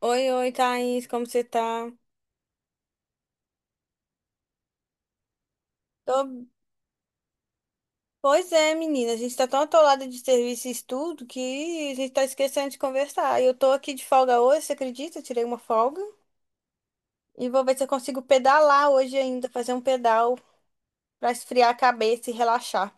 Oi, oi, Thaís, como você tá? Tô- Pois é, menina, a gente tá tão atolada de serviço e estudo que a gente tá esquecendo de conversar. Eu tô aqui de folga hoje, você acredita? Eu tirei uma folga e vou ver se eu consigo pedalar hoje ainda, fazer um pedal pra esfriar a cabeça e relaxar.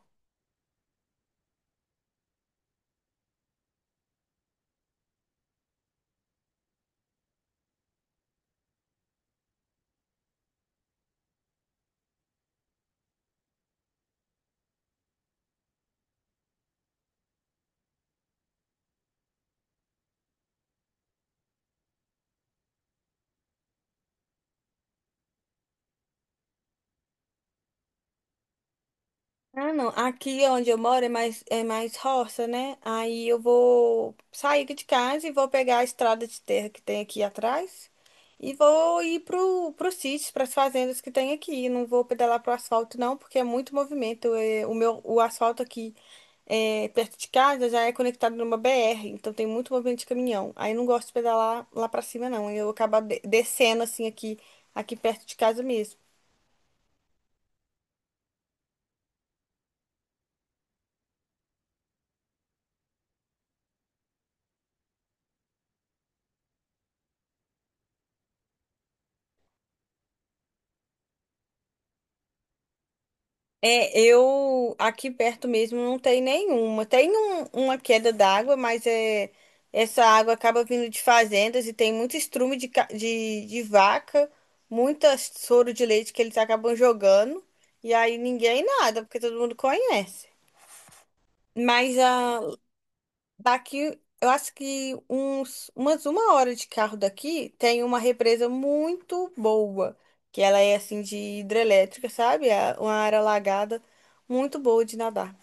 Ah, não. Aqui onde eu moro é mais roça, né? Aí eu vou sair aqui de casa e vou pegar a estrada de terra que tem aqui atrás e vou ir pro sítio, para as fazendas que tem aqui. Não vou pedalar pro asfalto, não, porque é muito movimento. É, o meu, o asfalto aqui é, perto de casa já é conectado numa BR, então tem muito movimento de caminhão. Aí eu não gosto de pedalar lá para cima, não. Eu acabo descendo assim aqui, aqui perto de casa mesmo. É, eu aqui perto mesmo não tem nenhuma. Tem uma queda d'água, mas é, essa água acaba vindo de fazendas e tem muito estrume de vaca, muita soro de leite que eles acabam jogando. E aí ninguém nada, porque todo mundo conhece. Mas a daqui, eu acho que uns, umas uma hora de carro daqui tem uma represa muito boa, que ela é assim de hidrelétrica, sabe? É uma área alagada muito boa de nadar.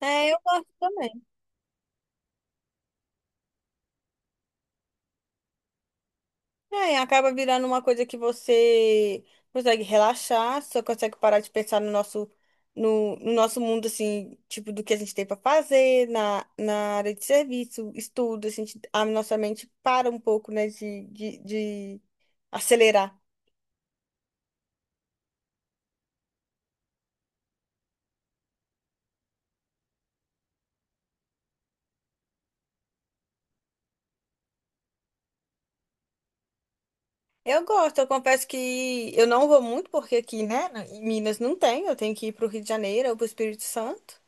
É, eu gosto também. É, acaba virando uma coisa que você consegue relaxar, só consegue parar de pensar no nosso, no nosso mundo, assim, tipo, do que a gente tem para fazer, na área de serviço, estudo, a gente, a nossa mente para um pouco, né, de acelerar. Eu gosto, eu confesso que eu não vou muito porque aqui, né, na- em Minas não tem, eu tenho que ir para o Rio de Janeiro ou para o Espírito Santo,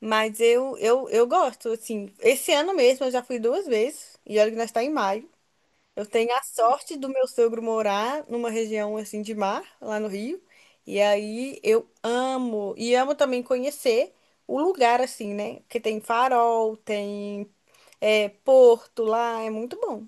mas eu gosto, assim, esse ano mesmo eu já fui duas vezes, e olha que nós está em maio, eu tenho a sorte do meu sogro morar numa região, assim, de mar, lá no Rio, e aí eu amo, e amo também conhecer o lugar, assim, né, porque tem farol, tem, é, porto lá, é muito bom.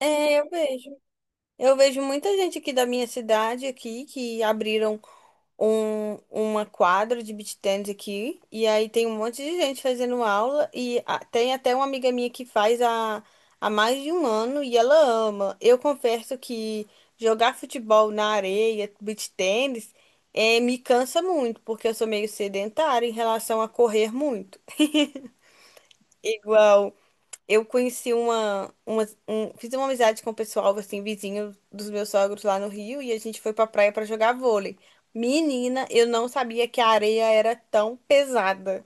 É, eu vejo. Eu vejo muita gente aqui da minha cidade aqui que abriram um, uma quadra de beach tennis aqui e aí tem um monte de gente fazendo aula e tem até uma amiga minha que faz há, há mais de um ano e ela ama. Eu confesso que jogar futebol na areia, beach tennis, me cansa muito porque eu sou meio sedentária em relação a correr muito. Igual eu conheci fiz uma amizade com o pessoal assim vizinho dos meus sogros lá no Rio e a gente foi pra praia pra jogar vôlei. Menina, eu não sabia que a areia era tão pesada.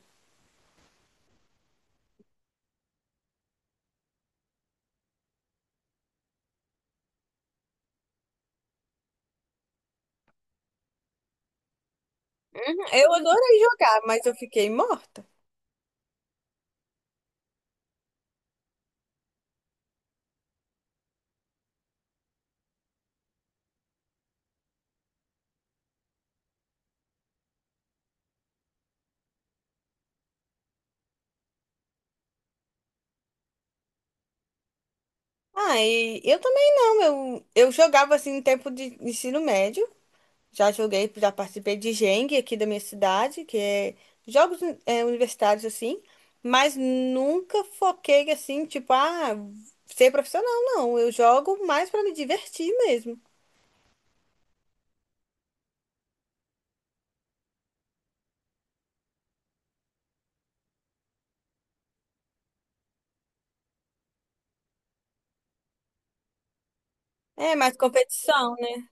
Eu adorei jogar, mas eu fiquei morta. Ah, e eu também não. Eu jogava assim no tempo de ensino médio. Já joguei, já participei de Jengue aqui da minha cidade, que é jogos universitários assim, mas nunca foquei assim, tipo, ah, ser profissional, não. Eu jogo mais para me divertir mesmo. É, mais competição, né?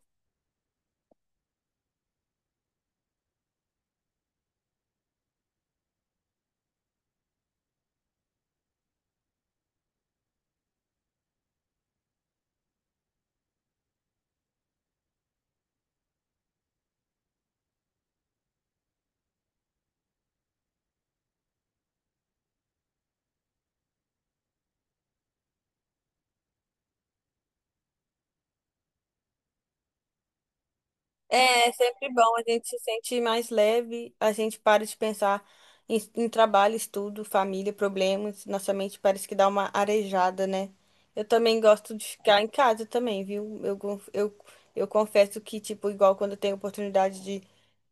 É, é sempre bom, a gente se sente mais leve, a gente para de pensar em trabalho, estudo, família, problemas, nossa mente parece que dá uma arejada, né? Eu também gosto de ficar em casa também, viu? Eu confesso que, tipo, igual quando eu tenho oportunidade de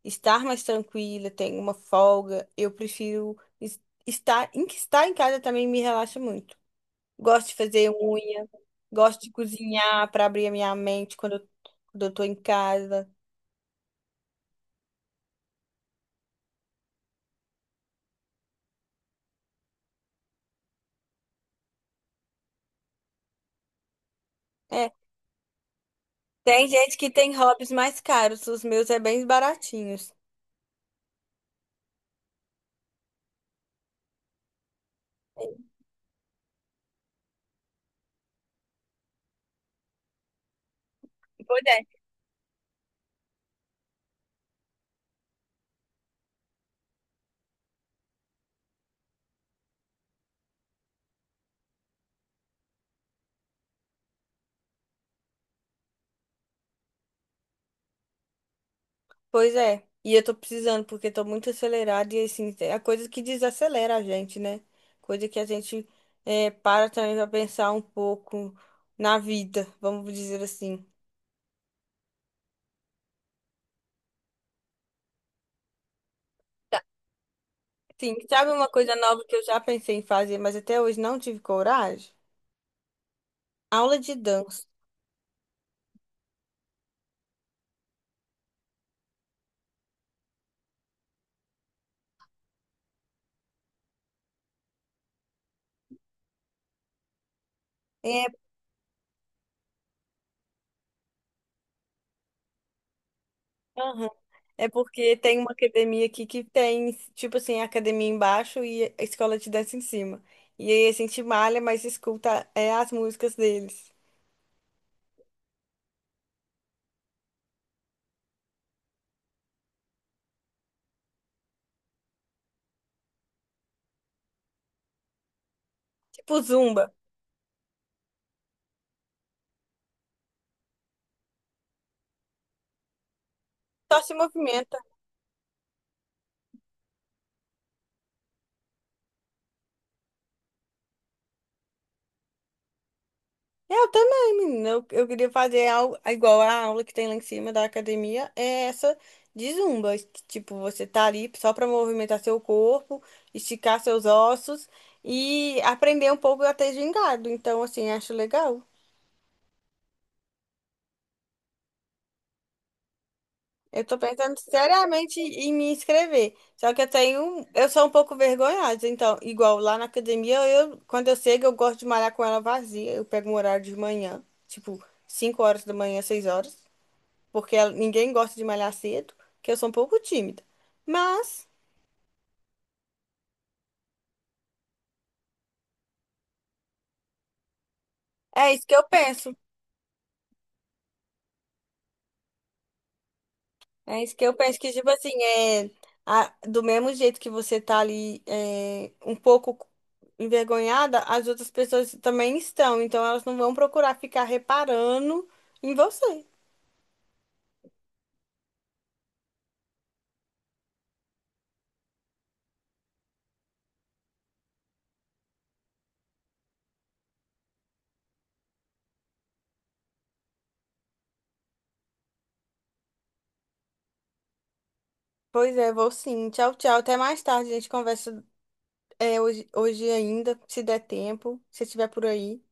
estar mais tranquila, tenho uma folga, eu prefiro estar em que estar em casa também me relaxa muito. Gosto de fazer unha, gosto de cozinhar para abrir a minha mente quando quando eu tô em casa. É, tem gente que tem hobbies mais caros, os meus é bem baratinhos. Pois é. Pois é. E eu tô precisando, porque tô muito acelerada e assim, é coisa que desacelera a gente, né? Coisa que a gente é, para também pra pensar um pouco na vida, vamos dizer assim. Tá. Sim, sabe uma coisa nova que eu já pensei em fazer, mas até hoje não tive coragem? Aula de dança. É, aham. É porque tem uma academia aqui que tem, tipo assim, a academia embaixo e a escola de dança em cima. E aí a gente malha, mas escuta é, as músicas deles. Tipo Zumba. Só se movimenta. Eu também, menina. Eu queria fazer algo igual a aula que tem lá em cima da academia. É essa de Zumba. Que, tipo, você tá ali só pra movimentar seu corpo, esticar seus ossos e aprender um pouco a ter gingado. Então, assim, acho legal. Eu tô pensando seriamente em me inscrever. Só que eu tenho, eu sou um pouco vergonhosa. Então, igual lá na academia, eu, quando eu chego, eu gosto de malhar com ela vazia. Eu pego um horário de manhã, tipo 5 horas da manhã, 6 horas, porque ninguém gosta de malhar cedo, que eu sou um pouco tímida. Mas é isso que eu penso. É isso que eu penso que, tipo assim, é do mesmo jeito que você tá ali é, um pouco envergonhada, as outras pessoas também estão, então elas não vão procurar ficar reparando em você. Pois é, vou sim. Tchau, tchau. Até mais tarde. A gente conversa é, hoje, hoje ainda, se der tempo, se estiver por aí.